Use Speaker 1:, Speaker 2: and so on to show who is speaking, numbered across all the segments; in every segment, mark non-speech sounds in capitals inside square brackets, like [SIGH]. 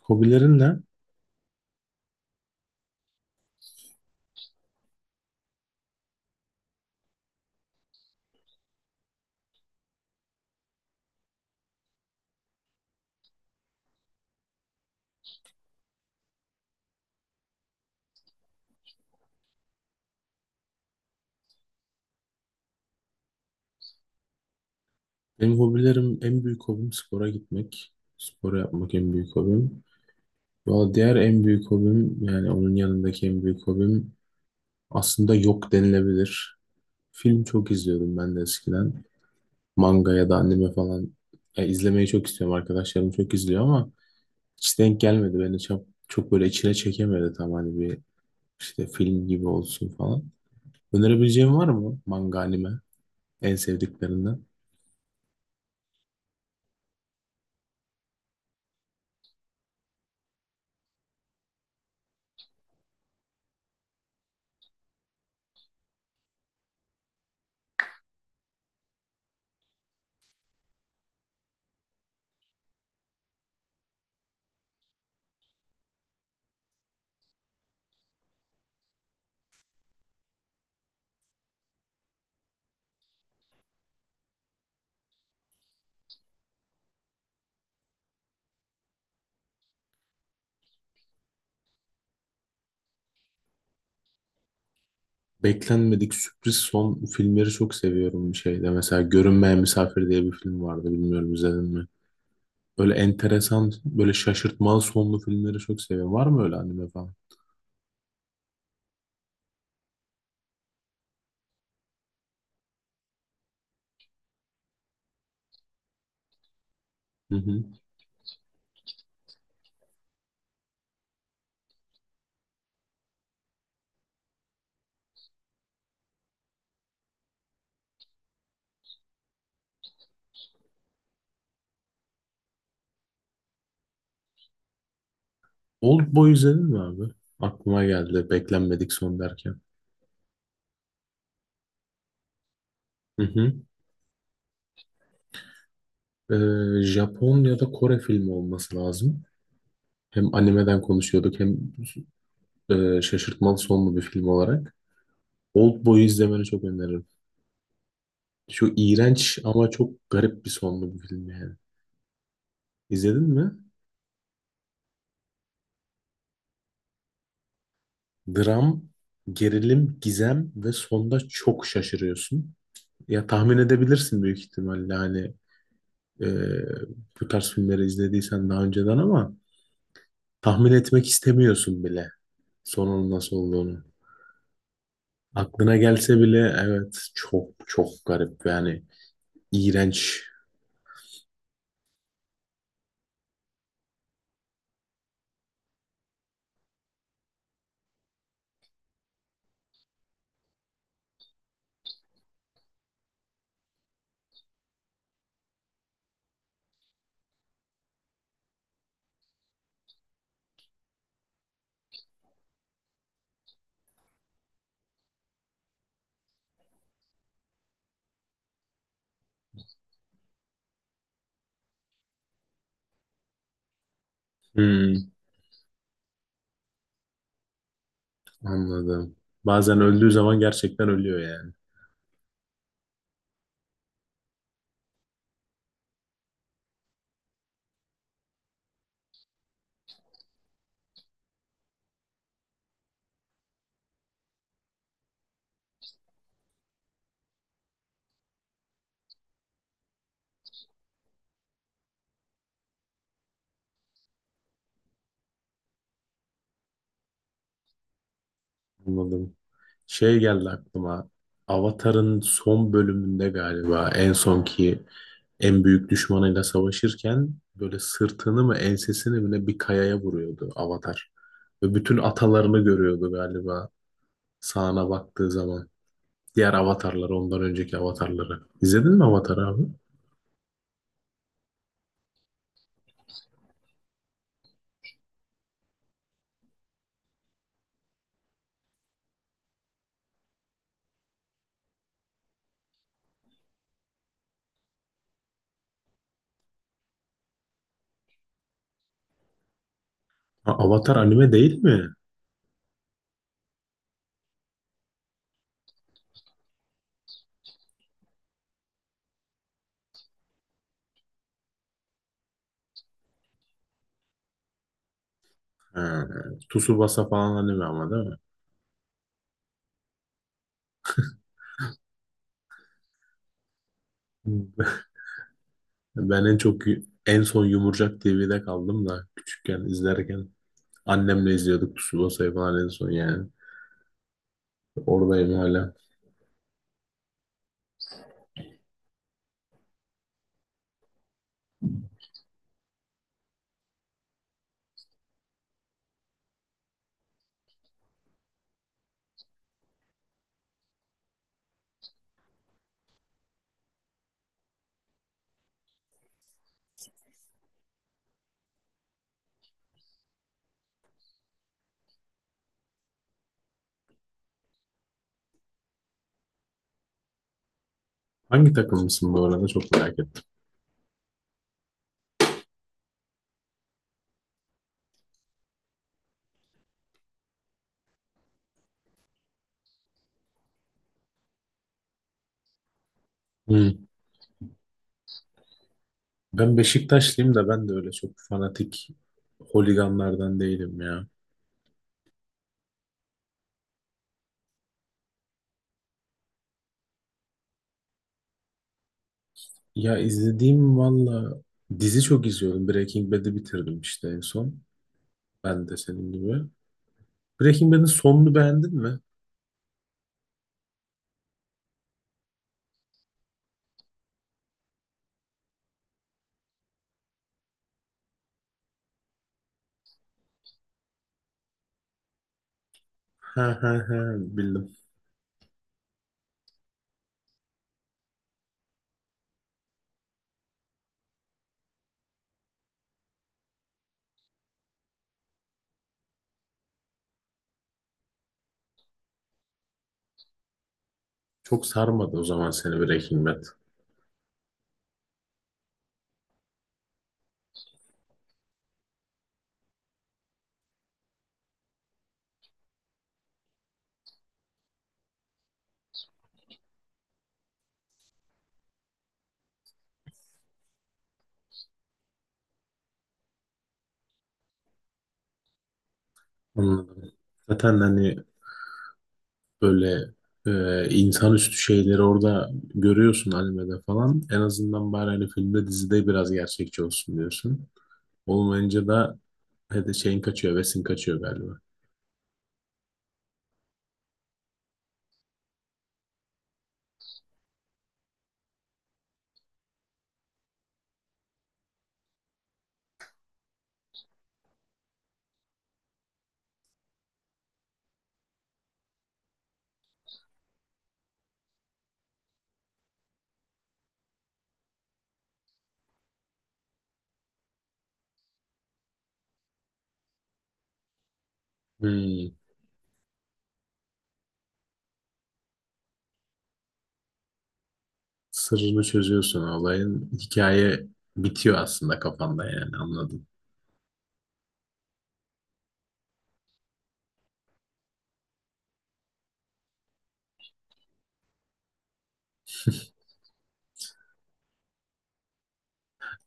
Speaker 1: Hobilerin ne? Benim hobilerim en büyük hobim spora gitmek. Spor yapmak en büyük hobim. Valla diğer en büyük hobim, yani onun yanındaki en büyük hobim aslında yok denilebilir. Film çok izliyordum ben de eskiden. Manga ya da anime falan ya izlemeyi çok istiyorum. Arkadaşlarım çok izliyor ama hiç denk gelmedi. Beni çok böyle içine çekemedi tam, hani bir işte film gibi olsun falan. Önerebileceğin var mı, manga anime en sevdiklerinden? Beklenmedik sürpriz son filmleri çok seviyorum bir şeyde. Mesela Görünmeyen Misafir diye bir film vardı. Bilmiyorum, izledin mi? Böyle enteresan, böyle şaşırtmalı sonlu filmleri çok seviyorum. Var mı öyle anime falan? Hı hı. Old Boy izledin mi abi? Aklıma geldi beklenmedik son derken. Hı hı. Japon ya da Kore filmi olması lazım. Hem animeden konuşuyorduk hem şaşırtmalı sonlu bir film olarak. Old Boy'u izlemeni çok öneririm. Şu iğrenç ama çok garip bir sonlu bir film yani. İzledin mi? Dram, gerilim, gizem ve sonda çok şaşırıyorsun. Ya tahmin edebilirsin büyük ihtimalle, hani e, bu tarz filmleri izlediysen daha önceden, ama tahmin etmek istemiyorsun bile sonunun nasıl olduğunu. Aklına gelse bile evet, çok çok garip yani, iğrenç. Hmm, anladım. Bazen öldüğü zaman gerçekten ölüyor yani. Anladım. Şey geldi aklıma. Avatar'ın son bölümünde galiba en sonki en büyük düşmanıyla savaşırken böyle sırtını mı ensesini mi ne, bir kayaya vuruyordu Avatar. Ve bütün atalarını görüyordu galiba sağına baktığı zaman. Diğer avatarları, ondan önceki avatarları. İzledin mi Avatar abi? Ha, Avatar anime değil mi? Ha, Tsubasa falan anime ama, değil mi? [LAUGHS] Ben en çok en son Yumurcak TV'de kaldım da küçükken izlerken. Annemle izliyorduk Tsubasa'yı falan en son yani. Oradayım hala. Hangi takımlısın bu arada, çok merak ettim. Hı. Ben Beşiktaşlıyım da, ben de öyle çok fanatik holiganlardan değilim ya. Ya izlediğim valla dizi çok izliyordum. Breaking Bad'i bitirdim işte en son. Ben de senin gibi. Breaking Bad'in sonunu beğendin mi? Ha ha ha, bildim. Çok sarmadı o zaman seni Breaking Bad. Anladım. Zaten hani böyle, insanüstü şeyleri orada görüyorsun animede falan. En azından bari hani filmde dizide biraz gerçekçi olsun diyorsun. Olmayınca da hadi şeyin kaçıyor, vesin kaçıyor galiba. Hmm. Sırrını çözüyorsun olayın. Hikaye bitiyor aslında kafanda, yani anladım.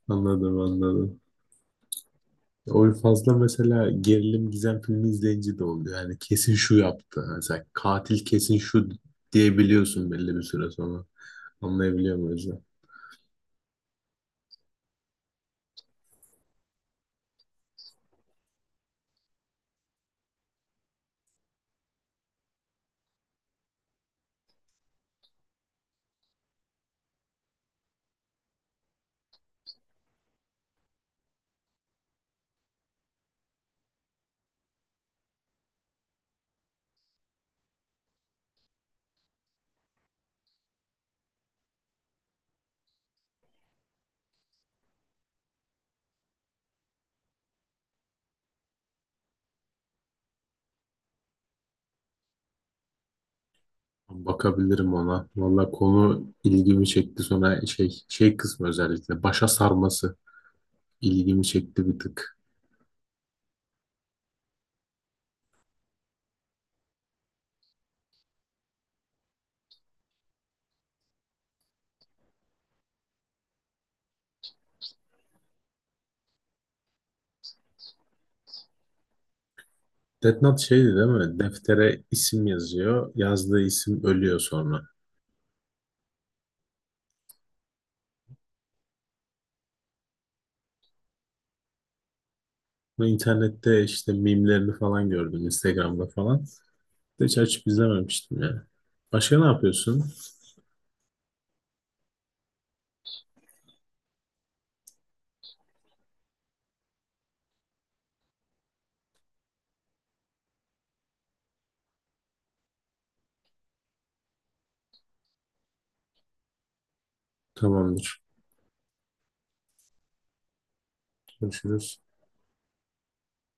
Speaker 1: Anladım, anladım. O fazla mesela gerilim gizem filmi izleyince de oluyor. Yani kesin şu yaptı. Mesela katil kesin şu diyebiliyorsun belli bir süre sonra. Anlayabiliyor muyuz? Bakabilirim ona. Valla konu ilgimi çekti, sonra şey kısmı, özellikle başa sarması ilgimi çekti bir tık. Death Note şeydi değil mi? Deftere isim yazıyor. Yazdığı isim ölüyor sonra. Bu internette işte mimlerini falan gördüm, Instagram'da falan. Hiç açıp izlememiştim yani. Başka ne yapıyorsun? Tamamdır. Görüşürüz.